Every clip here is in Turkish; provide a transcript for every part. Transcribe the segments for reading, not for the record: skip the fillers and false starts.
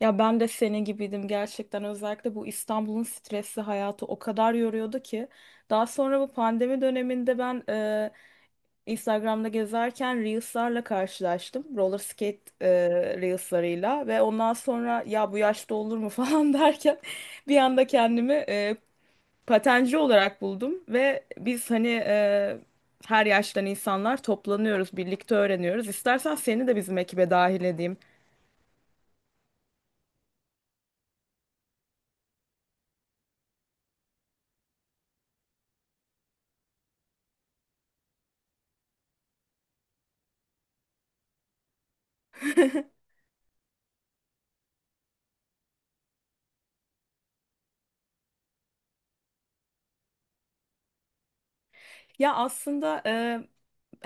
Ya ben de senin gibiydim gerçekten. Özellikle bu İstanbul'un stresli hayatı o kadar yoruyordu ki. Daha sonra bu pandemi döneminde Instagram'da gezerken Reels'larla karşılaştım. Reels'larıyla ve ondan sonra ya bu yaşta olur mu falan derken bir anda kendimi patenci olarak buldum ve her yaştan insanlar toplanıyoruz, birlikte öğreniyoruz. İstersen seni de bizim ekibe dahil edeyim. Ya aslında e,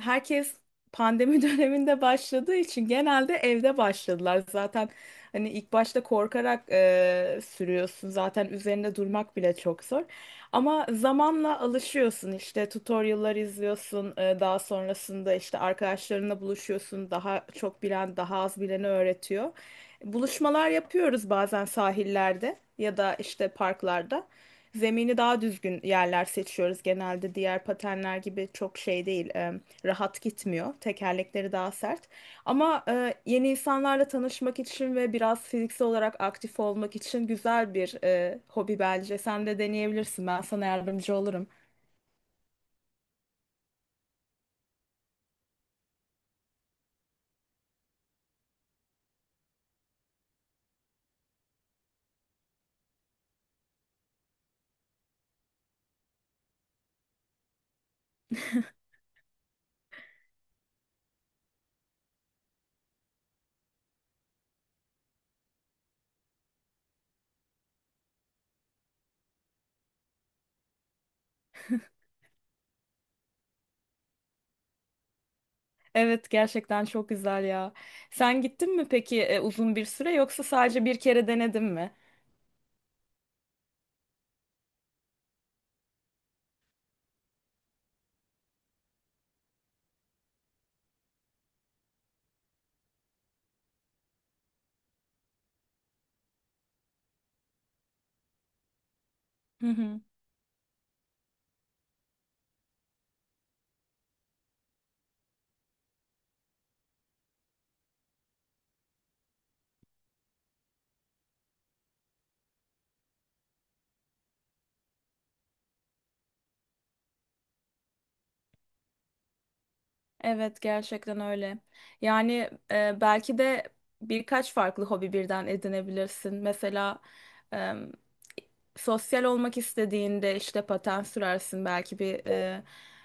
herkes pandemi döneminde başladığı için genelde evde başladılar. Zaten hani ilk başta korkarak sürüyorsun. Zaten üzerinde durmak bile çok zor. Ama zamanla alışıyorsun. İşte tutorial'lar izliyorsun. Daha sonrasında işte arkadaşlarınla buluşuyorsun. Daha çok bilen, daha az bileni öğretiyor. Buluşmalar yapıyoruz bazen sahillerde ya da işte parklarda. Zemini daha düzgün yerler seçiyoruz genelde. Diğer patenler gibi çok şey değil, rahat gitmiyor. Tekerlekleri daha sert. Ama yeni insanlarla tanışmak için ve biraz fiziksel olarak aktif olmak için güzel bir hobi bence. Sen de deneyebilirsin. Ben sana yardımcı olurum. Evet, gerçekten çok güzel ya. Sen gittin mi peki, uzun bir süre yoksa sadece bir kere denedin mi? Hı hı. Evet gerçekten öyle. Yani, belki de birkaç farklı hobi birden edinebilirsin. Mesela e, sosyal olmak istediğinde işte paten sürersin. Belki bir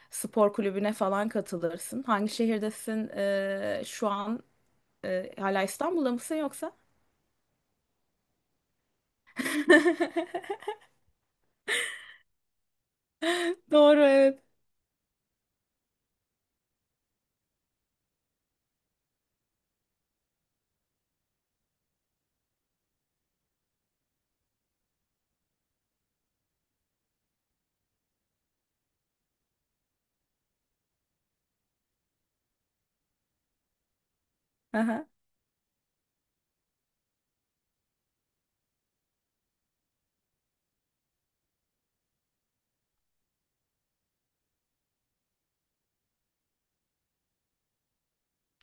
spor kulübüne falan katılırsın. Hangi şehirdesin, şu an? Hala İstanbul'da mısın yoksa? Doğru, evet. Aha.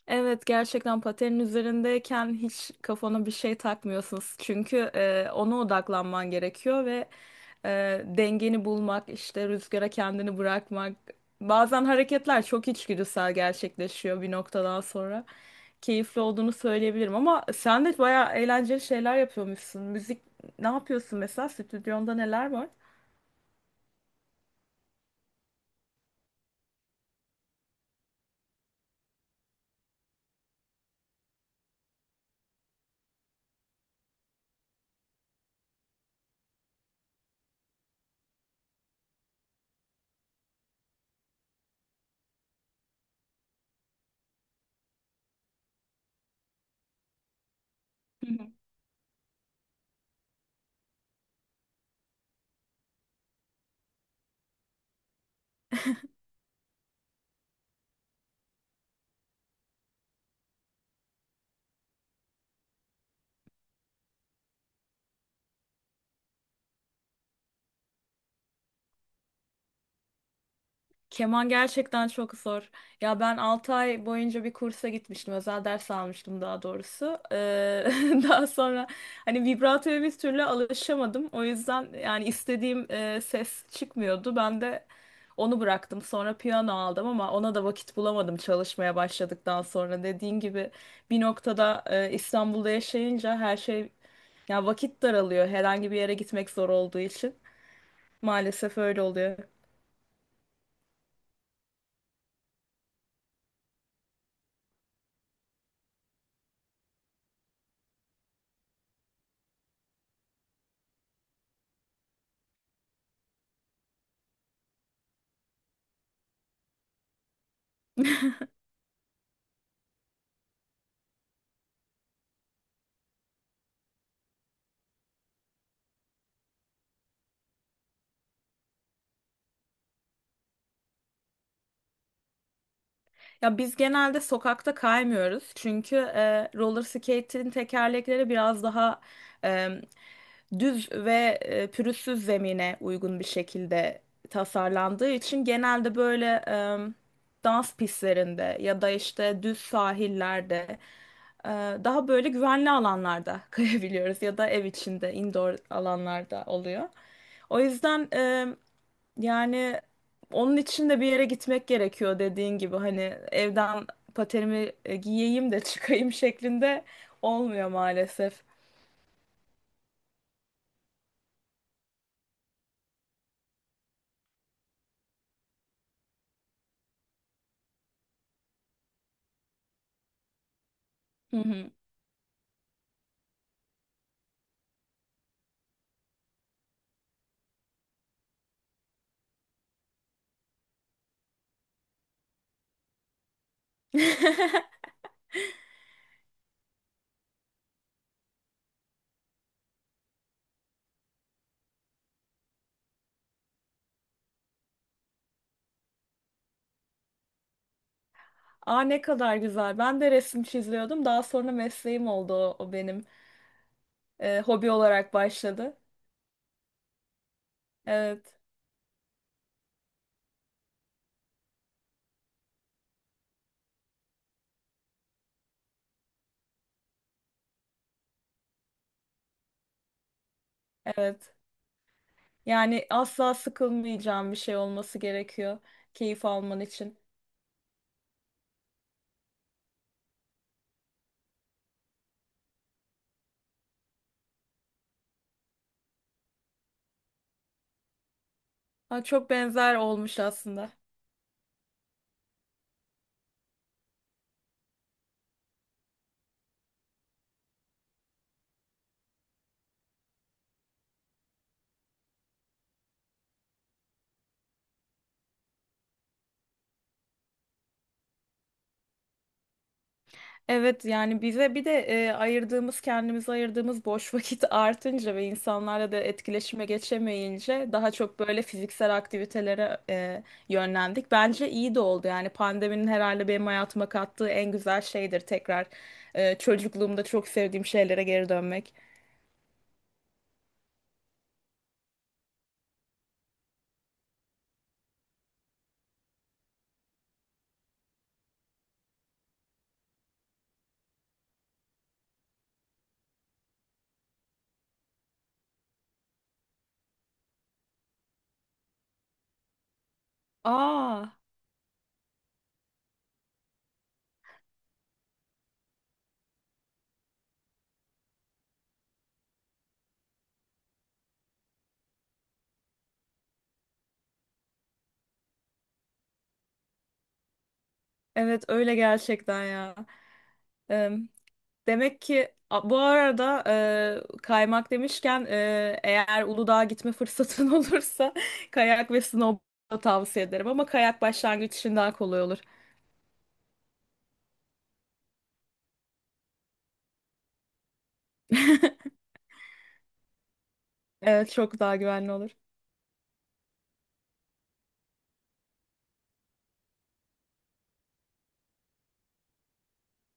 Evet, gerçekten patenin üzerindeyken hiç kafana bir şey takmıyorsunuz. Çünkü ona odaklanman gerekiyor ve dengeni bulmak, işte rüzgara kendini bırakmak. Bazen hareketler çok içgüdüsel gerçekleşiyor bir noktadan sonra. Keyifli olduğunu söyleyebilirim ama sen de bayağı eğlenceli şeyler yapıyormuşsun. Müzik ne yapıyorsun mesela? Stüdyonda neler var? Keman gerçekten çok zor. Ya ben 6 ay boyunca bir kursa gitmiştim. Özel ders almıştım daha doğrusu. Daha sonra hani vibratoya bir türlü alışamadım. O yüzden yani istediğim ses çıkmıyordu. Ben de onu bıraktım. Sonra piyano aldım ama ona da vakit bulamadım çalışmaya başladıktan sonra. Dediğin gibi bir noktada İstanbul'da yaşayınca her şey ya vakit daralıyor. Herhangi bir yere gitmek zor olduğu için. Maalesef öyle oluyor. Ya biz genelde sokakta kaymıyoruz çünkü roller skate'in tekerlekleri biraz daha e, düz ve pürüzsüz zemine uygun bir şekilde tasarlandığı için genelde böyle dans pistlerinde ya da işte düz sahillerde e, daha böyle güvenli alanlarda kayabiliyoruz ya da ev içinde indoor alanlarda oluyor. O yüzden yani onun için de bir yere gitmek gerekiyor dediğin gibi hani evden paterimi giyeyim de çıkayım şeklinde olmuyor maalesef. Hı hı. Aa, ne kadar güzel. Ben de resim çiziyordum. Daha sonra mesleğim oldu o, o benim. E, hobi olarak başladı. Evet, evet. Yani asla sıkılmayacağım bir şey olması gerekiyor keyif alman için. Ha, çok benzer olmuş aslında. Evet yani bize bir de ayırdığımız kendimize ayırdığımız boş vakit artınca ve insanlarla da etkileşime geçemeyince daha çok böyle fiziksel aktivitelere yönlendik. Bence iyi de oldu yani pandeminin herhalde benim hayatıma kattığı en güzel şeydir tekrar çocukluğumda çok sevdiğim şeylere geri dönmek. Aa, evet öyle gerçekten ya. Demek ki bu arada kaymak demişken, eğer Uludağ'a gitme fırsatın olursa kayak ve snowboard tavsiye ederim ama kayak başlangıç için daha kolay olur. Evet çok daha güvenli olur.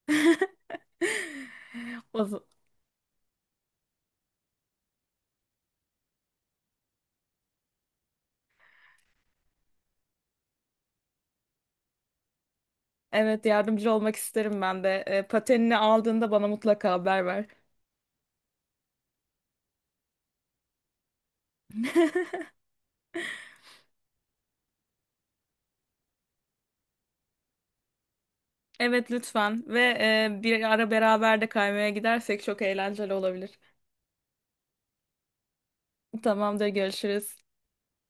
O z- Evet, yardımcı olmak isterim ben de. E, patenini aldığında bana mutlaka haber ver. Evet lütfen ve bir ara beraber de kaymaya gidersek çok eğlenceli olabilir. Tamamdır, görüşürüz.